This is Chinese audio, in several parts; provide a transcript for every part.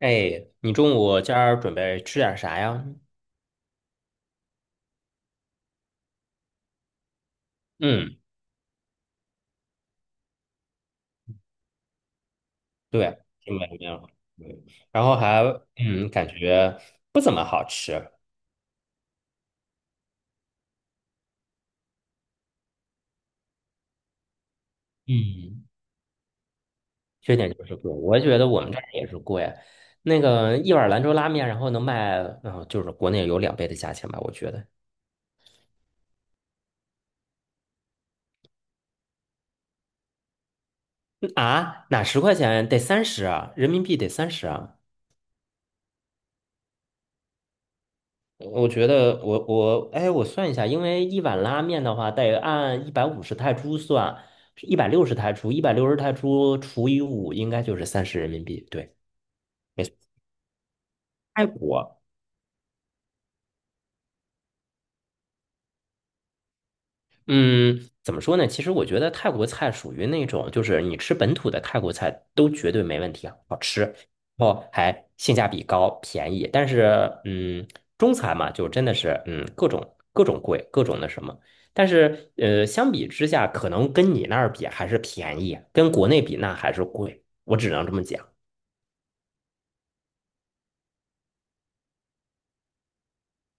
哎，你中午今儿准备吃点啥呀？嗯，对，挺没面对，然后还感觉不怎么好吃。嗯，缺点就是贵，我觉得我们这儿也是贵。那个一碗兰州拉面，然后能卖，就是国内有两倍的价钱吧，我觉得。哪10块钱得三十啊，人民币得三十啊。我觉得我算一下，因为一碗拉面的话，得按150泰铢算，一百六十泰铢，一百六十泰铢除以五，应该就是30人民币。对，没错。泰国，嗯，怎么说呢？其实我觉得泰国菜属于那种，就是你吃本土的泰国菜都绝对没问题啊，好吃，然后还性价比高，便宜。但是，中餐嘛，就真的是，各种各种贵，各种那什么。但是，相比之下，可能跟你那儿比还是便宜，跟国内比那还是贵。我只能这么讲。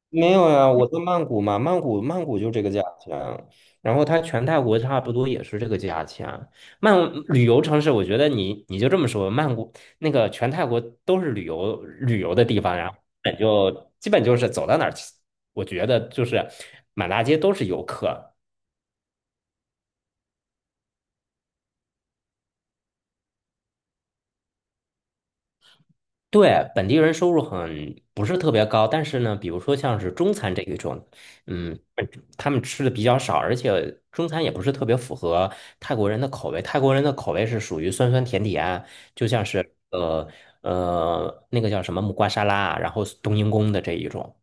没有呀，我在曼谷嘛，曼谷就这个价钱，然后它全泰国差不多也是这个价钱。曼旅游城市，我觉得你就这么说，曼谷那个全泰国都是旅游的地方，然后基本就是走到哪儿，我觉得就是满大街都是游客。对，本地人收入很不是特别高，但是呢，比如说像是中餐这一种，嗯，他们吃的比较少，而且中餐也不是特别符合泰国人的口味。泰国人的口味是属于酸酸甜甜，就像是那个叫什么木瓜沙拉，然后冬阴功的这一种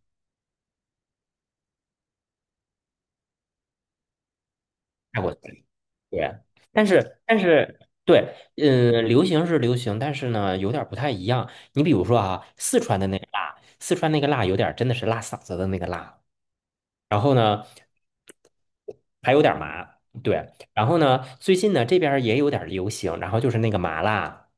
泰国菜。对，但是对，流行是流行，但是呢，有点儿不太一样。你比如说啊，四川的那个辣，四川那个辣有点儿真的是辣嗓子的那个辣。然后呢，还有点麻，对。然后呢，最近呢这边儿也有点儿流行，然后就是那个麻辣，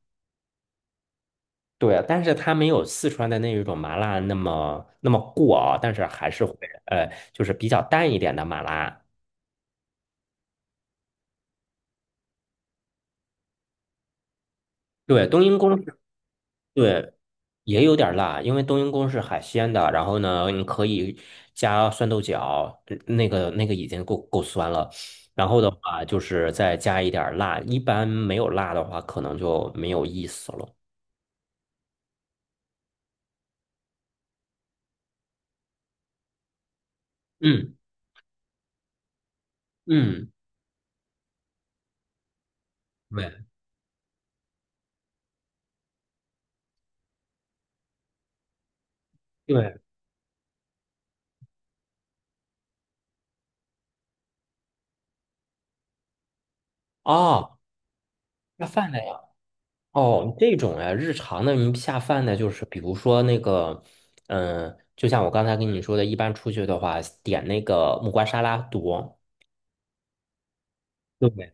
对，但是它没有四川的那一种麻辣那么那么过啊，但是还是会就是比较淡一点的麻辣。对，冬阴功是对，也有点儿辣，因为冬阴功是海鲜的。然后呢，你可以加酸豆角，那个那个已经够酸了。然后的话，就是再加一点儿辣。一般没有辣的话，可能就没有意思了。嗯嗯，对对。哦，下饭的呀。哦，这种呀，日常的你下饭的，就是比如说那个，就像我刚才跟你说的，一般出去的话，点那个木瓜沙拉多。对不对？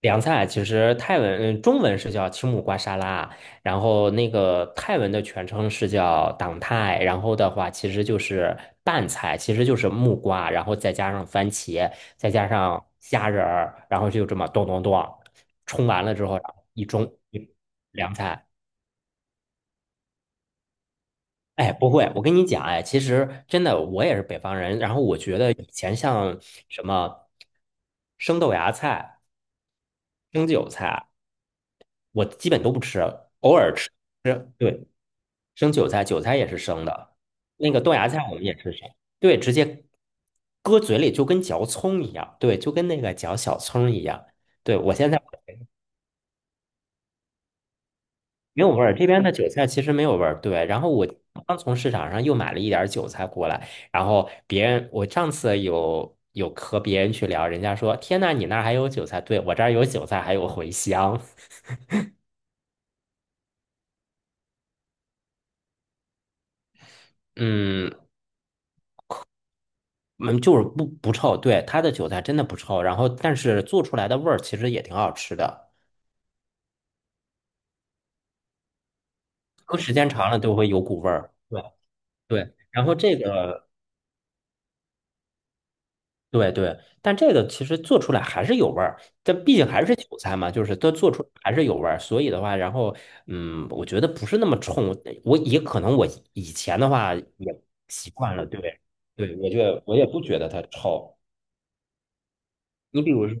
凉菜其实泰文，中文是叫青木瓜沙拉，然后那个泰文的全称是叫党泰，然后的话其实就是拌菜，其实就是木瓜，然后再加上番茄，再加上虾仁儿，然后就这么咚咚咚冲完了之后，然后一盅一凉菜。哎，不会，我跟你讲，哎，其实真的我也是北方人，然后我觉得以前像什么生豆芽菜、生韭菜。我基本都不吃，偶尔吃。吃，对，生韭菜，韭菜也是生的，那个豆芽菜我们也是生，对，直接搁嘴里就跟嚼葱一样，对，就跟那个嚼小葱一样。对，我现在没有味儿，这边的韭菜其实没有味儿。对，然后我刚从市场上又买了一点儿韭菜过来，然后别人我上次有和别人去聊，人家说："天呐，你那儿还有韭菜？"对，我这儿有韭菜，还有茴香。嗯，嗯，就是不臭，对，它的韭菜真的不臭，然后但是做出来的味儿其实也挺好吃的，搁时间长了都会有股味儿。对对，然后这个对对，但这个其实做出来还是有味儿，这毕竟还是韭菜嘛，就是它做出来还是有味儿，所以的话，然后我觉得不是那么冲，我也可能我以前的话也习惯了，对对，我觉得我也不觉得它臭。你比如说。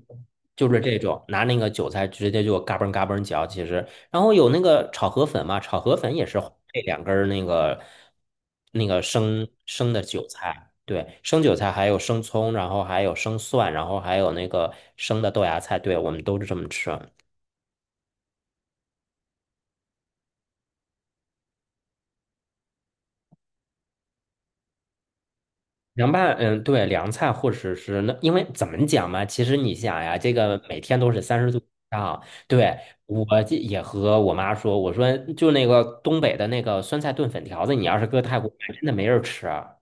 就是这种，拿那个韭菜直接就嘎嘣嘎嘣嚼，其实，然后有那个炒河粉嘛，炒河粉也是配两根儿那个生的韭菜，对，生韭菜还有生葱，然后还有生蒜，然后还有那个生的豆芽菜，对，我们都是这么吃啊。凉拌，嗯，对，凉菜或者是那，因为怎么讲嘛，其实你想呀，这个每天都是30度以上，对，我这也和我妈说，我说就那个东北的那个酸菜炖粉条子，你要是搁泰国买，真的没人吃啊。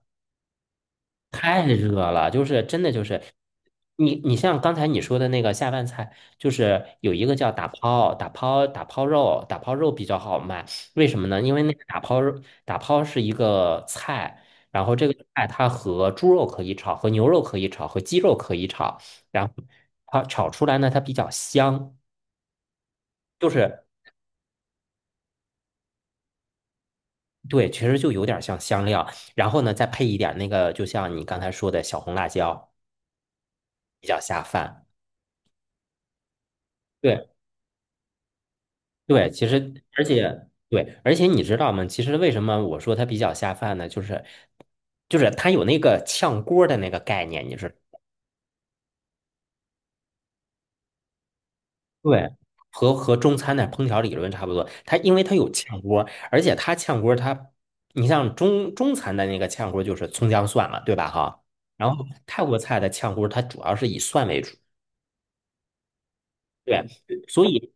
太热了，就是真的就是你像刚才你说的那个下饭菜，就是有一个叫打抛肉，打抛肉比较好卖，为什么呢？因为那个打抛肉打抛是一个菜，然后这个菜它和猪肉可以炒，和牛肉可以炒，和鸡肉可以炒，然后它炒出来呢，它比较香，就是对，其实就有点像香料，然后呢再配一点那个，就像你刚才说的小红辣椒，比较下饭。对。对，其实而且对，而且你知道吗？其实为什么我说它比较下饭呢？就是它有那个炝锅儿的那个概念，你是对，和中餐的烹调理论差不多。它因为它有炝锅儿，而且它炝锅儿它，你像中餐的那个炝锅儿就是葱姜蒜了，对吧？哈，然后泰国菜的炝锅儿它主要是以蒜为主，对，所以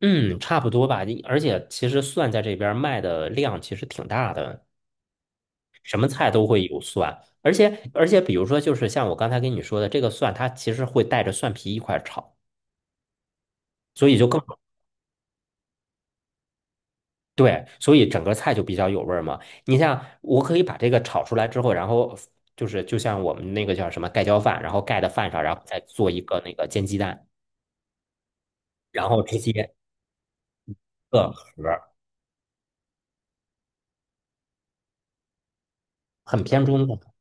嗯，差不多吧。而且其实蒜在这边儿卖的量其实挺大的。什么菜都会有蒜，而且，比如说，就是像我刚才跟你说的，这个蒜它其实会带着蒜皮一块儿炒，所以就更对，所以整个菜就比较有味儿嘛。你像我可以把这个炒出来之后，然后就是就像我们那个叫什么盖浇饭，然后盖的饭上，然后再做一个那个煎鸡蛋，然后直接个盒儿，很偏中的。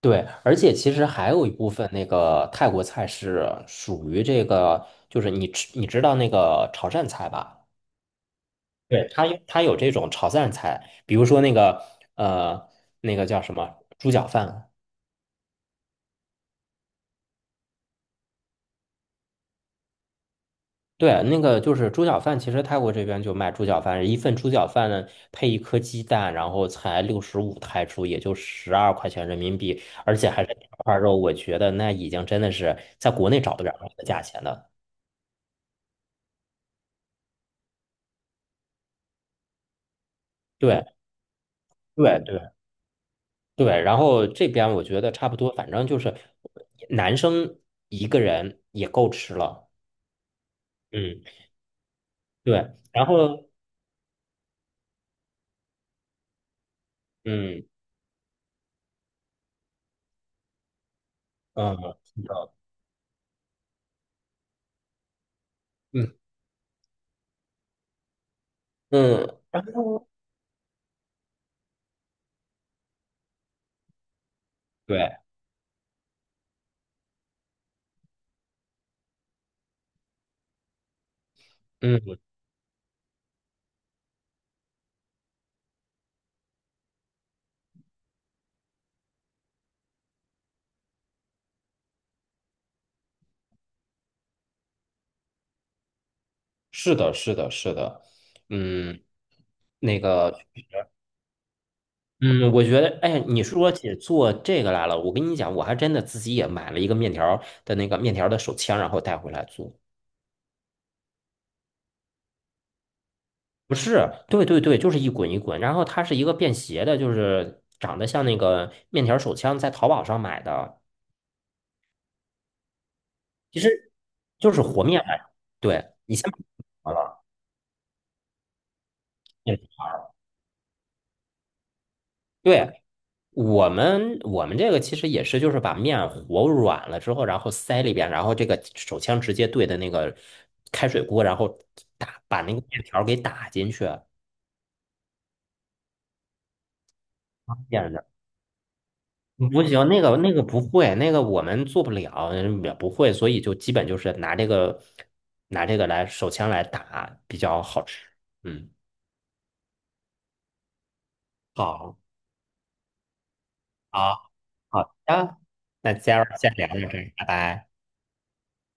对，而且其实还有一部分那个泰国菜是属于这个，就是你吃你知道那个潮汕菜吧？对，它有它有这种炒汕菜，比如说那个呃那个叫什么猪脚饭，对，那个就是猪脚饭，其实泰国这边就卖猪脚饭，一份猪脚饭呢配一颗鸡蛋，然后才65泰铢，也就12块钱人民币，而且还是两块肉，我觉得那已经真的是在国内找不了这个价钱的。对对对对，然后这边我觉得差不多，反正就是男生一个人也够吃了，嗯，对，然后嗯。嗯，嗯嗯，嗯，然后对，嗯，是的，是的，是的，嗯，那个，嗯，我觉得，哎，你说起做这个来了，我跟你讲，我还真的自己也买了一个面条儿的那个面条儿的手枪，然后带回来做。不是，对对对，就是一滚一滚，然后它是一个便携的，就是长得像那个面条手枪，在淘宝上买的，其实就是和面来着对，好了，嗯，对，我们这个其实也是，就是把面和软了之后，然后塞里边，然后这个手枪直接对的那个开水锅，然后打把那个面条儿给打进去啊，这样的。不行，那个不会，那个我们做不了，也不会，所以就基本就是拿这个来手枪来打比较好吃。嗯，好，好，好的，那今儿先聊到这儿，拜拜。